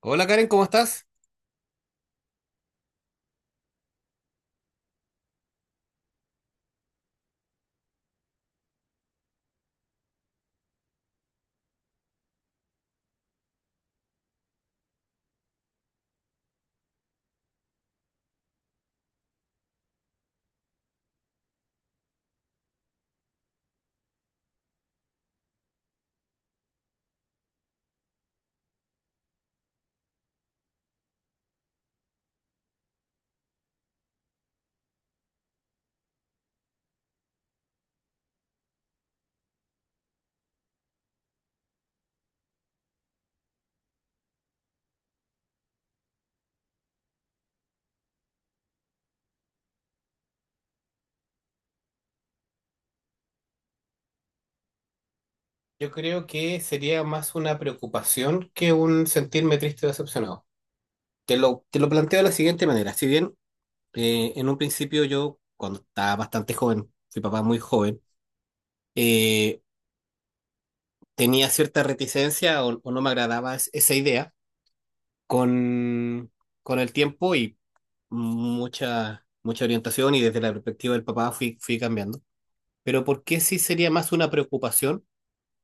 Hola Karen, ¿cómo estás? Yo creo que sería más una preocupación que un sentirme triste o decepcionado. Te lo planteo de la siguiente manera. Si bien en un principio yo, cuando estaba bastante joven, fui papá muy joven, eh, tenía cierta reticencia o no me agradaba esa idea. Con, con el tiempo y mucha orientación y desde la perspectiva del papá fui cambiando. Pero ¿por qué sí sería más una preocupación?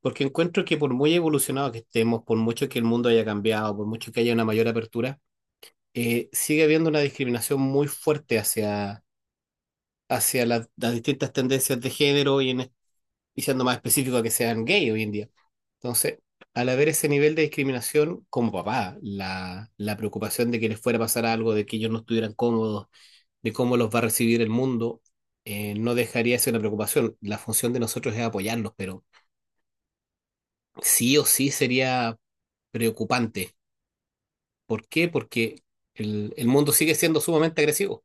Porque encuentro que por muy evolucionado que estemos, por mucho que el mundo haya cambiado, por mucho que haya una mayor apertura, sigue habiendo una discriminación muy fuerte hacia las distintas tendencias de género y, y siendo más específico que sean gay hoy en día. Entonces, al haber ese nivel de discriminación, como papá, la preocupación de que les fuera a pasar algo, de que ellos no estuvieran cómodos, de cómo los va a recibir el mundo, no dejaría de ser una preocupación. La función de nosotros es apoyarlos, pero sí o sí sería preocupante. ¿Por qué? Porque el mundo sigue siendo sumamente agresivo.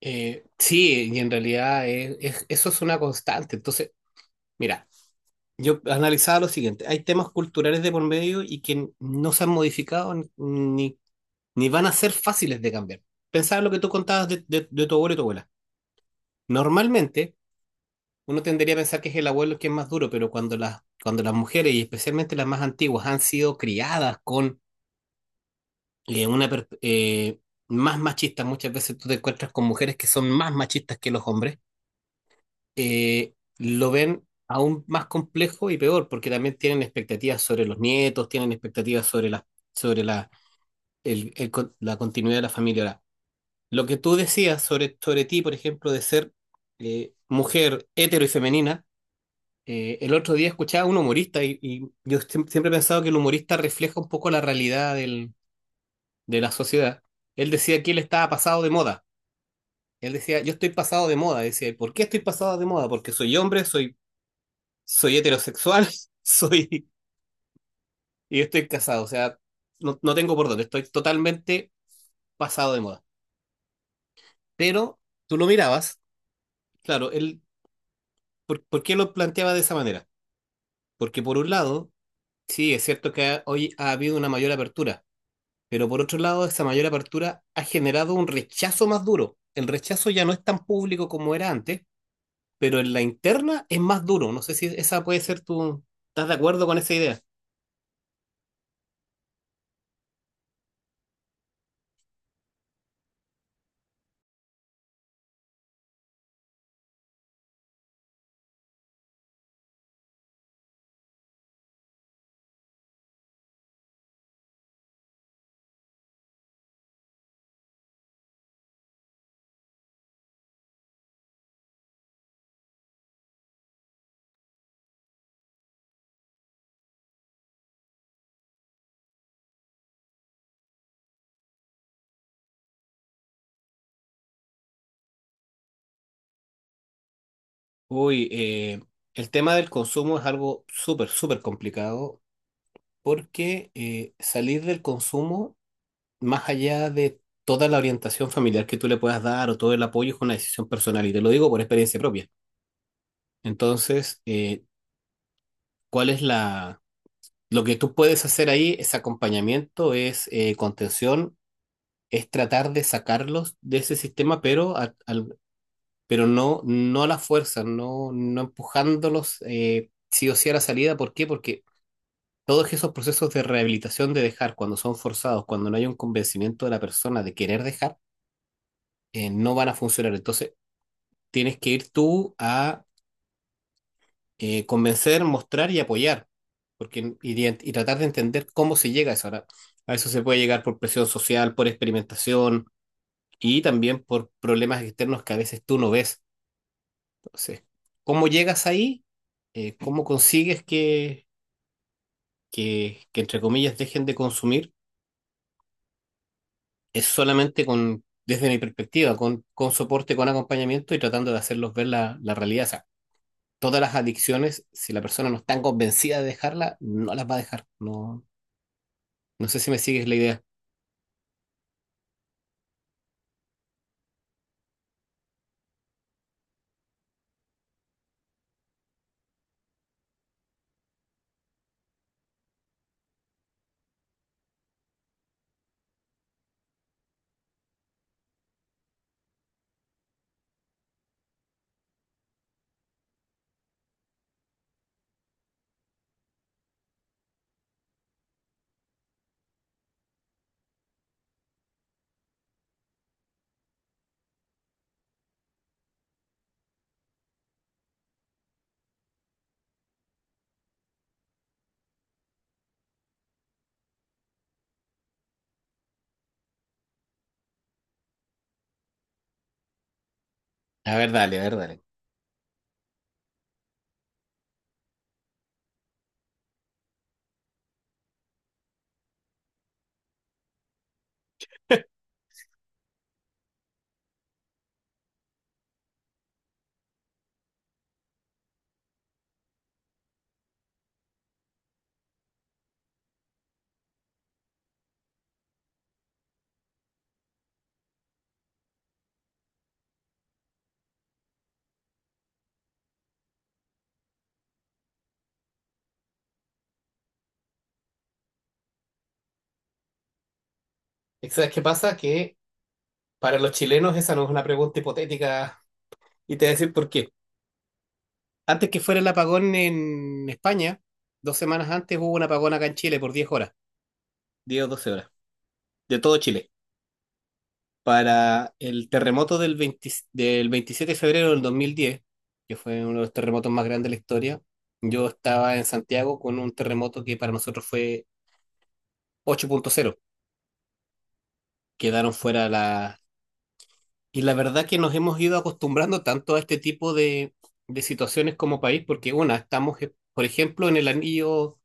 Sí, y en realidad eso es una constante. Entonces, mira, yo analizaba lo siguiente: hay temas culturales de por medio y que no se han modificado ni van a ser fáciles de cambiar. Pensaba lo que tú contabas de tu abuelo y tu abuela. Normalmente uno tendría a pensar que es el abuelo el que es más duro, pero cuando las mujeres y especialmente las más antiguas han sido criadas con una más machista. Muchas veces tú te encuentras con mujeres que son más machistas que los hombres. Lo ven aún más complejo y peor, porque también tienen expectativas sobre los nietos, tienen expectativas sobre la continuidad de la familia. Ahora, lo que tú decías sobre ti, por ejemplo, de ser mujer hetero y femenina. El otro día escuchaba a un humorista y yo siempre he pensado que el humorista refleja un poco la realidad de la sociedad. Él decía que él estaba pasado de moda. Él decía: yo estoy pasado de moda. Decía, ¿por qué estoy pasado de moda? Porque soy hombre, soy heterosexual, soy, y estoy casado. O sea, no tengo por dónde, estoy totalmente pasado de moda. Pero tú lo mirabas, claro, por qué lo planteaba de esa manera? Porque por un lado, sí, es cierto que hoy ha habido una mayor apertura, pero por otro lado, esa mayor apertura ha generado un rechazo más duro. El rechazo ya no es tan público como era antes, pero en la interna es más duro. No sé si esa puede ser tu... ¿Estás de acuerdo con esa idea? Uy, el tema del consumo es algo súper complicado porque salir del consumo, más allá de toda la orientación familiar que tú le puedas dar o todo el apoyo, es una decisión personal y te lo digo por experiencia propia. Entonces, ¿cuál es la... Lo que tú puedes hacer ahí es acompañamiento, es contención, es tratar de sacarlos de ese sistema, pero pero no, no a la fuerza, no, no empujándolos sí o sí a la salida. ¿Por qué? Porque todos esos procesos de rehabilitación de dejar, cuando son forzados, cuando no hay un convencimiento de la persona de querer dejar, no van a funcionar. Entonces, tienes que ir tú a convencer, mostrar y apoyar, y tratar de entender cómo se llega a eso. Ahora, a eso se puede llegar por presión social, por experimentación y también por problemas externos que a veces tú no ves. Entonces, ¿cómo llegas ahí? ¿Cómo consigues que, entre comillas, dejen de consumir? Es solamente con, desde mi perspectiva, con soporte, con acompañamiento y tratando de hacerlos ver la realidad. O sea, todas las adicciones, si la persona no está convencida de dejarla, no las va a dejar. No, no sé si me sigues la idea. A ver, dale, a ver, dale. ¿Sabes qué pasa? Que para los chilenos esa no es una pregunta hipotética y te voy a decir por qué. Antes que fuera el apagón en España, dos semanas antes hubo un apagón acá en Chile por 10 horas. 10 o doce horas, de todo Chile. Para el terremoto del 20 del 27 de febrero del 2010, que fue uno de los terremotos más grandes de la historia, yo estaba en Santiago con un terremoto que para nosotros fue 8.0. Quedaron fuera la... Y la verdad que nos hemos ido acostumbrando tanto a este tipo de situaciones como país, porque una, estamos, por ejemplo,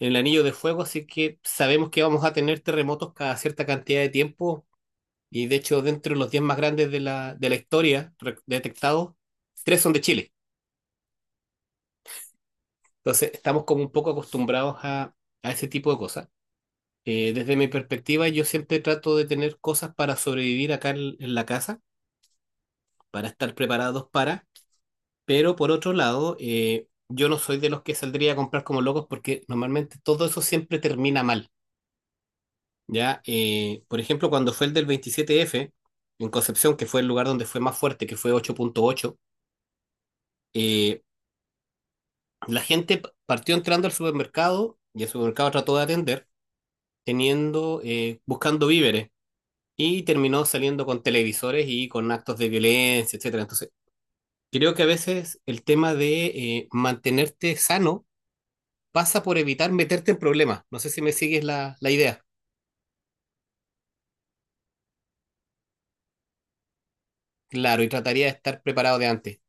en el anillo de fuego, así que sabemos que vamos a tener terremotos cada cierta cantidad de tiempo. Y de hecho, dentro de los 10 más grandes de de la historia detectados, tres son de Chile. Entonces, estamos como un poco acostumbrados a ese tipo de cosas. Desde mi perspectiva, yo siempre trato de tener cosas para sobrevivir acá en la casa, para estar preparados para. Pero por otro lado, yo no soy de los que saldría a comprar como locos porque normalmente todo eso siempre termina mal. Ya, por ejemplo, cuando fue el del 27F, en Concepción, que fue el lugar donde fue más fuerte, que fue 8.8, eh, la gente partió entrando al supermercado y el supermercado trató de atender, teniendo, buscando víveres y terminó saliendo con televisores y con actos de violencia, etcétera. Entonces, creo que a veces el tema de mantenerte sano pasa por evitar meterte en problemas. No sé si me sigues la idea. Claro, y trataría de estar preparado de antes.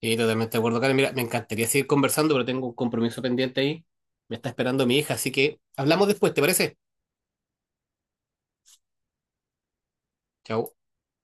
Sí, totalmente de acuerdo, Karen. Mira, me encantaría seguir conversando, pero tengo un compromiso pendiente ahí. Me está esperando mi hija, así que hablamos después, ¿te parece? Chao.